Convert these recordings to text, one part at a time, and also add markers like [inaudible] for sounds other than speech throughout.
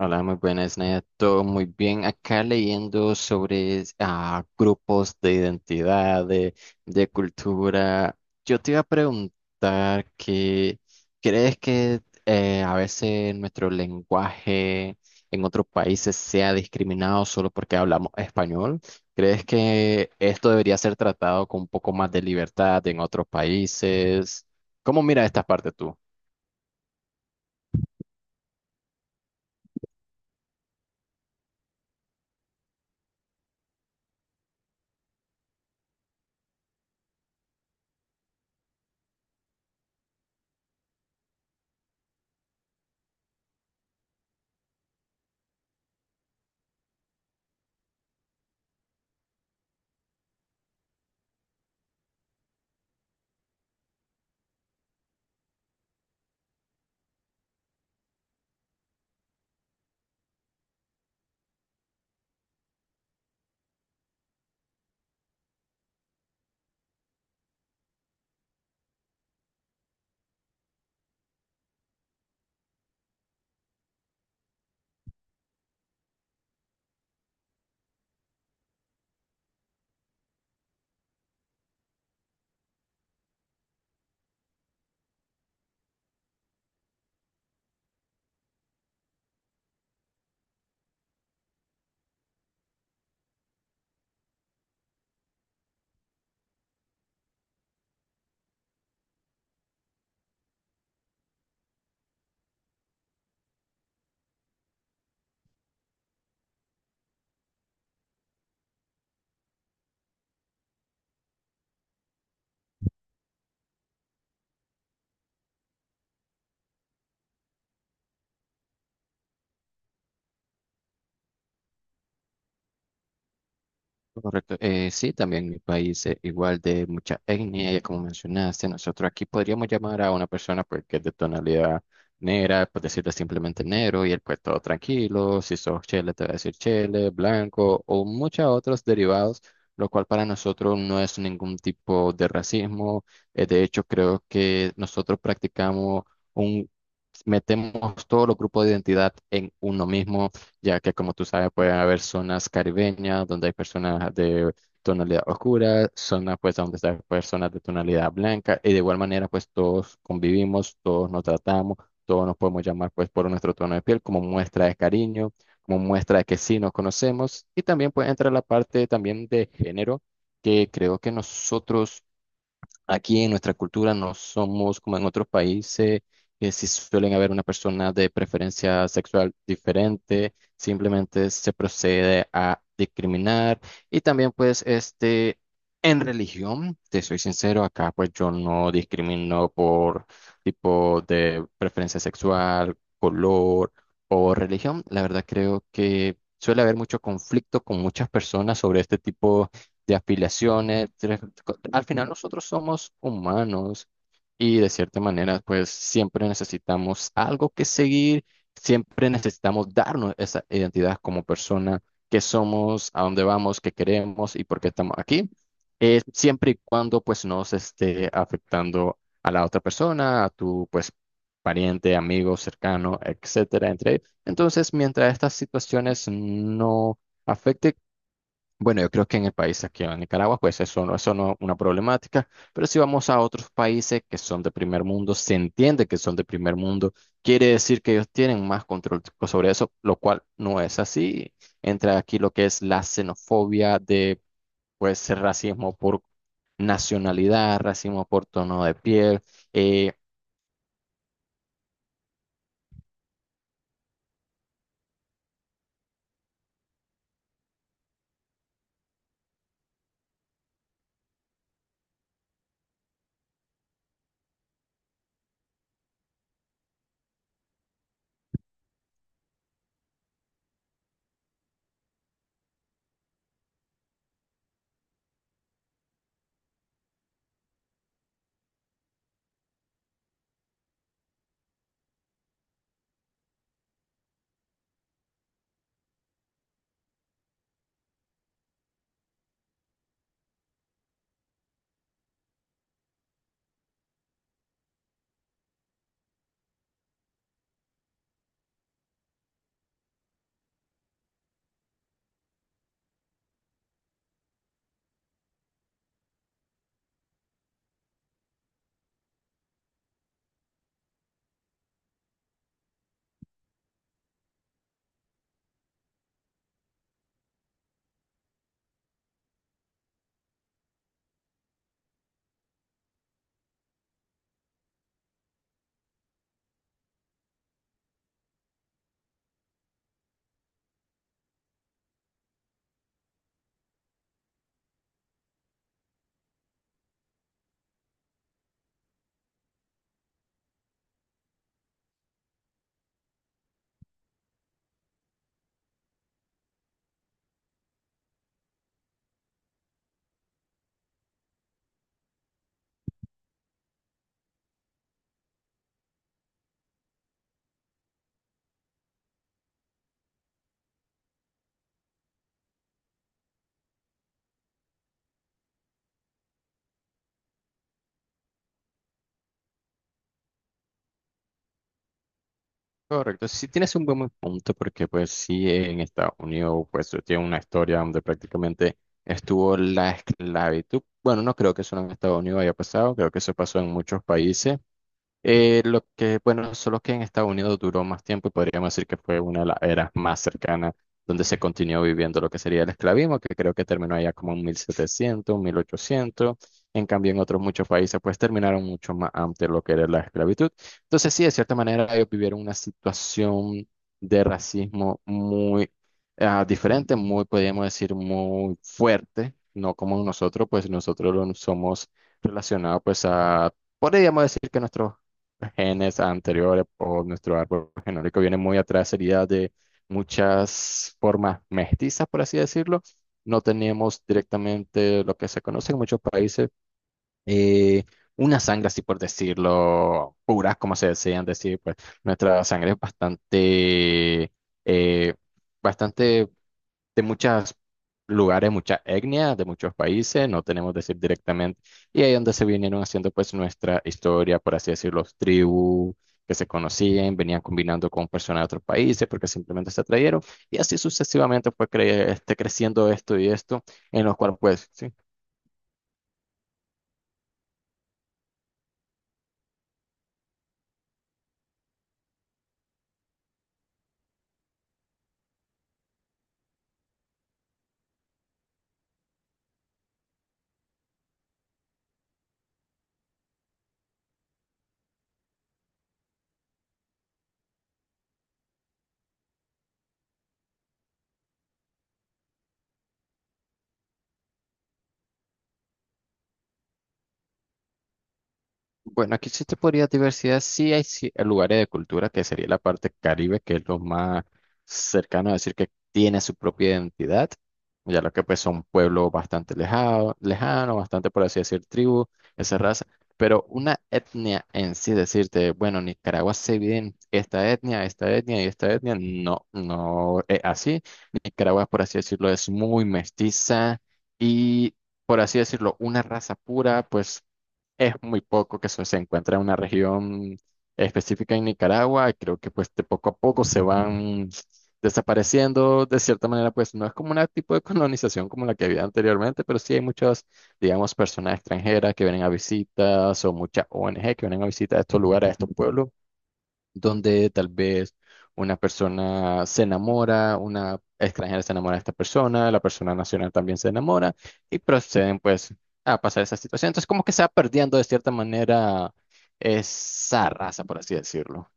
Hola, muy buenas, Naya. Todo muy bien. Acá leyendo sobre grupos de identidad, de cultura. Yo te iba a preguntar que, ¿crees que a veces nuestro lenguaje en otros países sea discriminado solo porque hablamos español? ¿Crees que esto debería ser tratado con un poco más de libertad en otros países? ¿Cómo mira esta parte tú? Correcto. Sí, también mi país es igual de mucha etnia, ya como mencionaste, nosotros aquí podríamos llamar a una persona pues, que es de tonalidad negra, pues decirle simplemente negro y él pues todo tranquilo, si sos chele te va a decir chele, blanco o muchos otros derivados, lo cual para nosotros no es ningún tipo de racismo. De hecho, creo que nosotros practicamos un, metemos todos los grupos de identidad en uno mismo ya que como tú sabes puede haber zonas caribeñas donde hay personas de tonalidad oscura, zonas pues donde hay personas de tonalidad blanca y de igual manera pues todos convivimos, todos nos tratamos, todos nos podemos llamar pues por nuestro tono de piel como muestra de cariño, como muestra de que sí nos conocemos y también pues entra la parte también de género que creo que nosotros aquí en nuestra cultura no somos como en otros países, que si suelen haber una persona de preferencia sexual diferente, simplemente se procede a discriminar. Y también pues este, en religión, te soy sincero, acá pues yo no discrimino por tipo de preferencia sexual, color o religión. La verdad creo que suele haber mucho conflicto con muchas personas sobre este tipo de aspiraciones. Al final nosotros somos humanos y de cierta manera pues siempre necesitamos algo que seguir, siempre necesitamos darnos esa identidad como persona, que somos, a dónde vamos, qué queremos y por qué estamos aquí, siempre y cuando pues no se esté afectando a la otra persona, a tu pues pariente, amigo, cercano, etcétera, entre. Entonces, mientras estas situaciones no afecten, bueno, yo creo que en el país aquí en Nicaragua, pues eso no es una problemática, pero si vamos a otros países que son de primer mundo, se entiende que son de primer mundo, quiere decir que ellos tienen más control sobre eso, lo cual no es así. Entra aquí lo que es la xenofobia de, pues, racismo por nacionalidad, racismo por tono de piel. eh, Correcto, sí tienes un buen punto porque pues sí en Estados Unidos pues tiene una historia donde prácticamente estuvo la esclavitud. Bueno, no creo que solo en Estados Unidos haya pasado, creo que eso pasó en muchos países. Bueno, solo que en Estados Unidos duró más tiempo y podríamos decir que fue una de las eras más cercanas donde se continuó viviendo lo que sería el esclavismo, que creo que terminó allá como en 1700, 1800 En cambio, en otros muchos países, pues terminaron mucho más antes lo que era la esclavitud. Entonces, sí, de cierta manera, ellos vivieron una situación de racismo muy diferente, muy, podríamos decir, muy fuerte, no como nosotros, pues nosotros lo somos relacionados pues a... Podríamos decir que nuestros genes anteriores o nuestro árbol genómico viene muy atrás, sería de muchas formas mestizas, por así decirlo. No tenemos directamente lo que se conoce en muchos países, eh, una sangre, así por decirlo, pura, como se decían decir, pues nuestra sangre es bastante, eh, bastante de muchos lugares, muchas etnias, de muchos países, no tenemos decir directamente, y ahí donde se vinieron haciendo pues nuestra historia, por así decirlo, los tribus que se conocían, venían combinando con personas de otros países porque simplemente se atrayeron, y así sucesivamente fue creciendo esto y esto, en los cuales pues, sí, bueno, aquí sí te podría diversidad, sí hay lugares de cultura que sería la parte Caribe, que es lo más cercano a decir que tiene su propia identidad, ya lo que pues son pueblos bastante lejano, lejano, bastante por así decir tribu, esa raza, pero una etnia en sí decirte, bueno, Nicaragua se divide en esta etnia y esta etnia, no, no es así. Nicaragua, por así decirlo, es muy mestiza y, por así decirlo, una raza pura, pues es muy poco que se encuentra en una región específica en Nicaragua. Creo que pues de poco a poco se van desapareciendo. De cierta manera, pues no es como un tipo de [laughs] colonización como la que había anteriormente, pero sí hay muchas, digamos, personas extranjeras que vienen a visitas o muchas ONG que vienen a visitar a estos lugares, a estos pueblos donde tal vez una persona se enamora, una extranjera se enamora de esta persona, la persona nacional también se enamora y proceden pues a pasar esa situación. Entonces como que se va perdiendo de cierta manera esa raza, por así decirlo.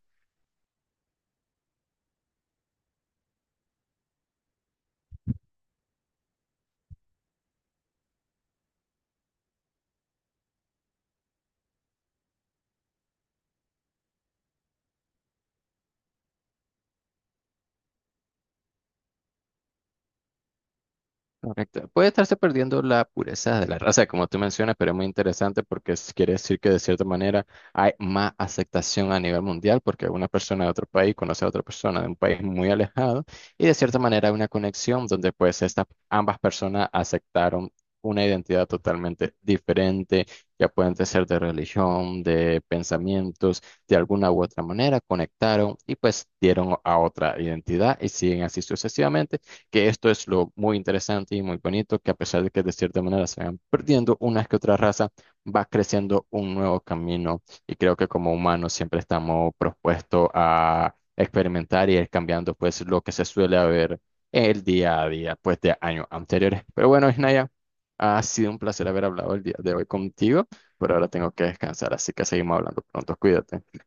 Correcto. Puede estarse perdiendo la pureza de la raza, como tú mencionas, pero es muy interesante porque quiere decir que de cierta manera hay más aceptación a nivel mundial porque una persona de otro país conoce a otra persona de un país muy alejado y de cierta manera hay una conexión donde pues estas ambas personas aceptaron una identidad totalmente diferente, ya pueden ser de religión, de pensamientos, de alguna u otra manera, conectaron y pues dieron a otra identidad y siguen así sucesivamente que esto es lo muy interesante y muy bonito, que a pesar de que de cierta manera se van perdiendo unas que otra raza, va creciendo un nuevo camino y creo que como humanos siempre estamos propuestos a experimentar y ir cambiando pues lo que se suele haber el día a día pues de años anteriores. Pero bueno, Isnaya, ha sido un placer haber hablado el día de hoy contigo, pero ahora tengo que descansar, así que seguimos hablando pronto, cuídate.